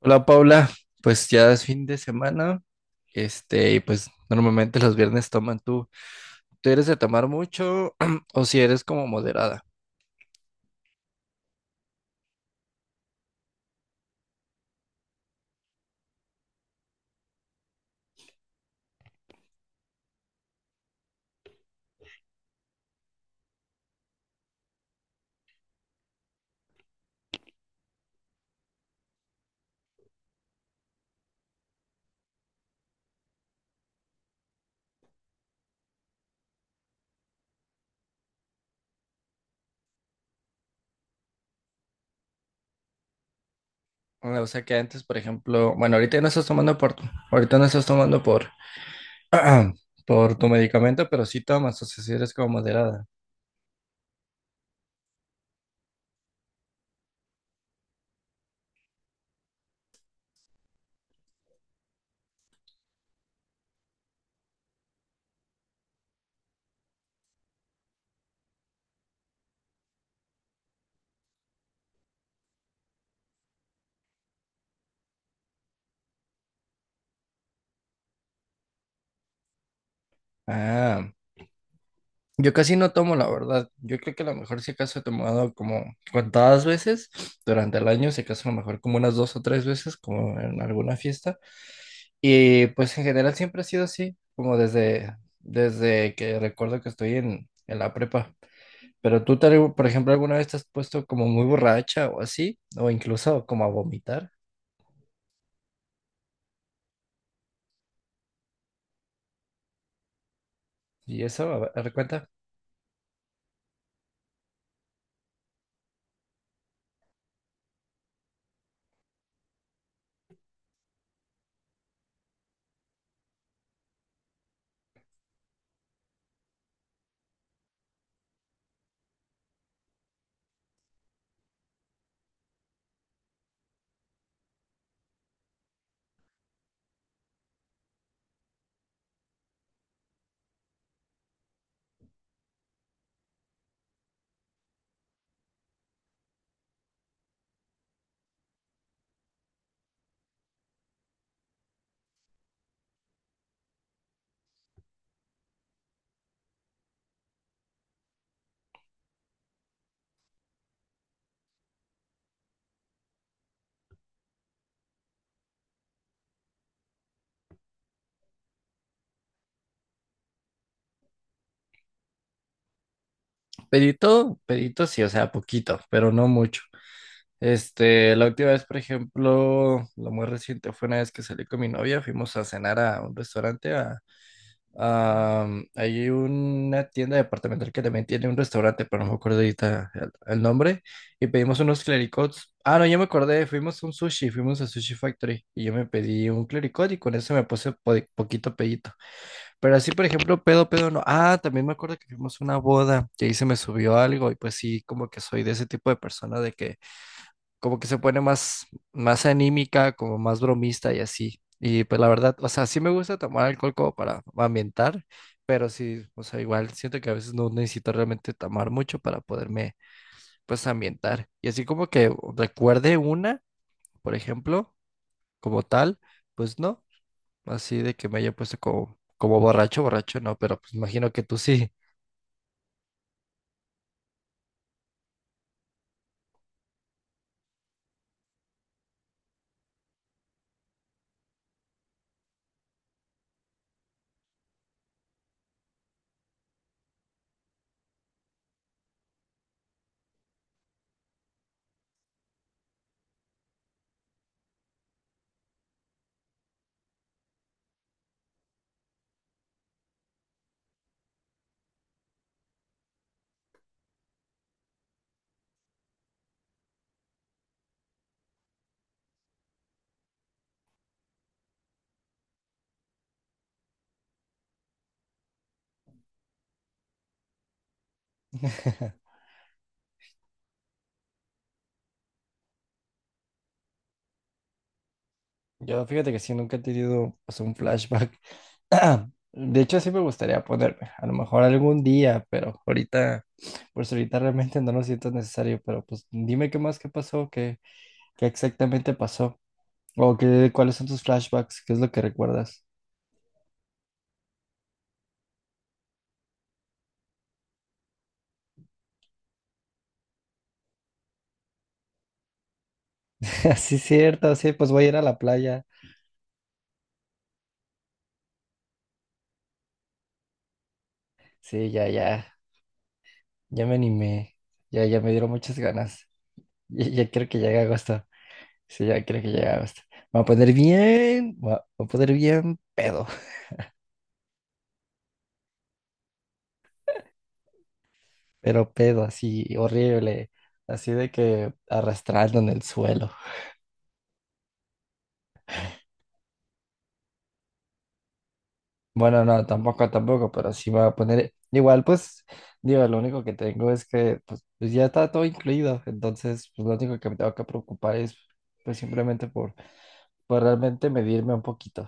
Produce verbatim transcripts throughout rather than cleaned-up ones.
Hola Paula, pues ya es fin de semana, este, y pues normalmente los viernes toman tú. ¿Tú eres de tomar mucho o si eres como moderada? O sea que antes, por ejemplo, bueno, ahorita ya no estás tomando por, ahorita no estás tomando por, por tu medicamento, pero sí tomas, o sea, si eres como moderada. Ah. Yo casi no tomo, la verdad. Yo creo que a lo mejor si acaso he tomado como contadas veces durante el año, si acaso a lo mejor como unas dos o tres veces, como en alguna fiesta. Y pues en general siempre ha sido así, como desde, desde que recuerdo que estoy en, en la prepa. Pero tú, tal- por ejemplo, alguna vez te has puesto como muy borracha o así, o incluso como a vomitar. Y eso, a ver, a ver, cuenta. Pedito, pedito sí, o sea, poquito, pero no mucho. Este, la última vez, por ejemplo, lo muy reciente fue una vez que salí con mi novia, fuimos a cenar a un restaurante, a, a- mm, hay una tienda departamental que también tiene un restaurante, pero no me acuerdo ahorita el, el nombre, y pedimos unos clericots. Ah, no, ya me acordé, fuimos a un sushi, fuimos a Sushi Factory, y yo me pedí un clericot y con eso me puse po- poquito pedito. Pero así, por ejemplo, pedo, pedo, no. Ah, también me acuerdo que fuimos a una boda, que ahí se me subió algo, y pues sí, como que soy de ese tipo de persona de que como que se pone más, más anímica, como más bromista y así. Y pues la verdad, o sea, sí me gusta tomar alcohol como para ambientar, pero sí, o sea, igual siento que a veces no necesito realmente tomar mucho para poderme, pues, ambientar. Y así como que recuerde una, por ejemplo, como tal, pues no, así de que me haya puesto como, como borracho, borracho, no, pero pues imagino que tú sí. Yo fíjate que sí, nunca he tenido, o sea, un flashback. De hecho, sí me gustaría ponerme, a lo mejor algún día, pero ahorita, pues ahorita realmente no lo siento necesario, pero pues dime qué más, qué pasó, qué, qué exactamente pasó, o qué, cuáles son tus flashbacks, qué es lo que recuerdas. Sí, cierto, sí, pues voy a ir a la playa. Sí, ya, ya, ya me animé, ya, ya me dieron muchas ganas. Ya, ya quiero que llegue agosto, sí, ya quiero que llegue agosto. Me voy a poner bien, me voy a me voy a poner bien pedo. Pero pedo así horrible, así de que arrastrando en el suelo. Bueno, no, tampoco, tampoco, pero sí me voy a poner, igual pues, digo, lo único que tengo es que pues, pues ya está todo incluido, entonces pues lo único que me tengo que preocupar es pues simplemente por, por realmente medirme un poquito.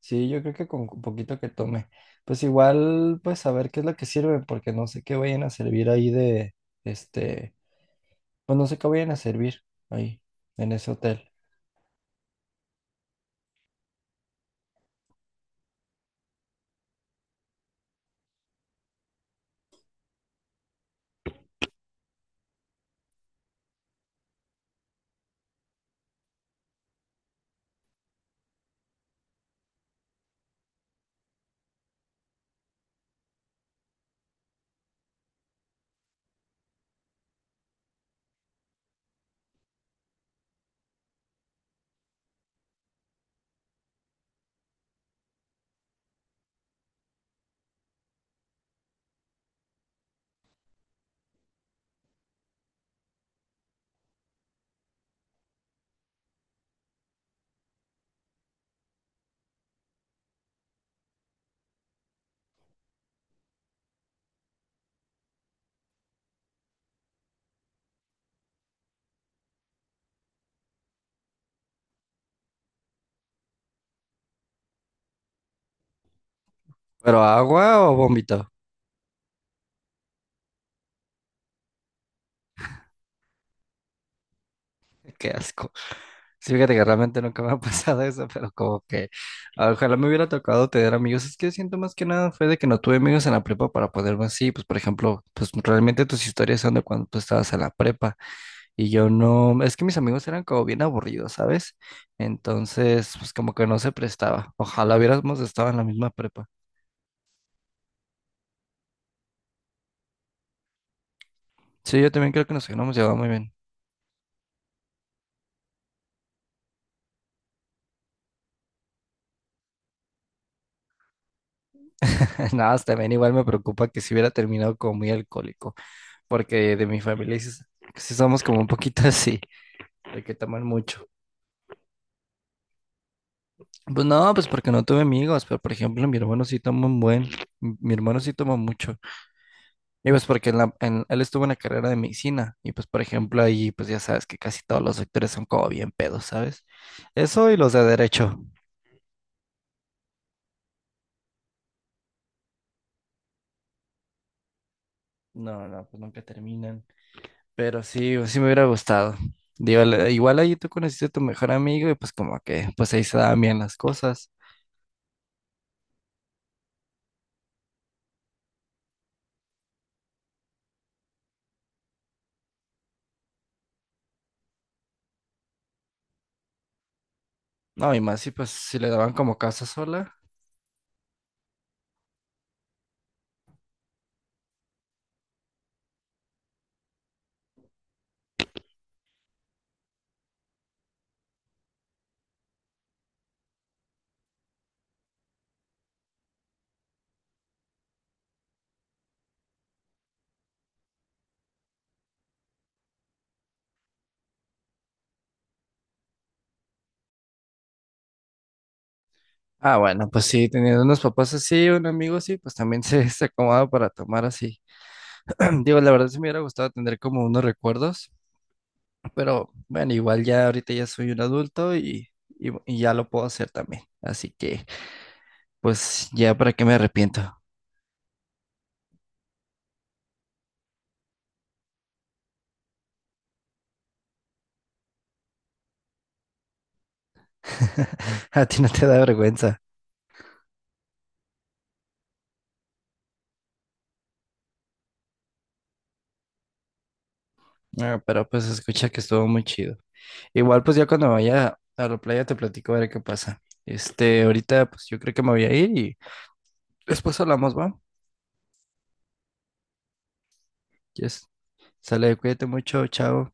Sí, yo creo que con un poquito que tome, pues igual pues a ver qué es lo que sirve, porque no sé qué vayan a servir ahí de, este, pues no sé qué vayan a servir ahí en ese hotel. ¿Pero agua o bombito? Qué asco. Sí, fíjate que realmente nunca me ha pasado eso, pero como que ojalá me hubiera tocado tener amigos. Es que siento más que nada fue de que no tuve amigos en la prepa para poderme así. Pues, por ejemplo, pues realmente tus historias son de cuando tú estabas en la prepa y yo no. Es que mis amigos eran como bien aburridos, ¿sabes? Entonces, pues como que no se prestaba. Ojalá hubiéramos estado en la misma prepa. Sí, yo también creo que nos hubiéramos llevado muy bien. Nada, más también igual me preocupa que si hubiera terminado como muy alcohólico. Porque de mi familia sí, sí somos como un poquito así, de que toman mucho. Pues no, pues porque no tuve amigos, pero por ejemplo, mi hermano sí toma un buen, mi mi hermano sí toma mucho. Y pues porque en la- en- él estuvo en la carrera de medicina, y pues por ejemplo ahí, pues ya sabes que casi todos los sectores son como bien pedos, ¿sabes? Eso y los de derecho. No, no, pues nunca terminan. Pero sí, pues sí me hubiera gustado. Digo, la- igual ahí tú conociste a tu mejor amigo y pues como que, pues ahí se daban bien las cosas. No, y más si pues si le daban como casa sola. Ah, bueno, pues sí, teniendo unos papás así, un amigo así, pues también se, se acomoda para tomar así. Digo, la verdad sí me hubiera gustado tener como unos recuerdos, pero bueno, igual ya ahorita ya soy un adulto y, y- y ya lo puedo hacer también. Así que, pues ya para qué me arrepiento. A ti no te da vergüenza. Ah, pero pues escucha que estuvo muy chido. Igual pues ya cuando vaya a la playa te platico a ver qué pasa. Este, ahorita pues yo creo que me voy a ir y después hablamos, ¿va? Yes. Sale, cuídate mucho, chao.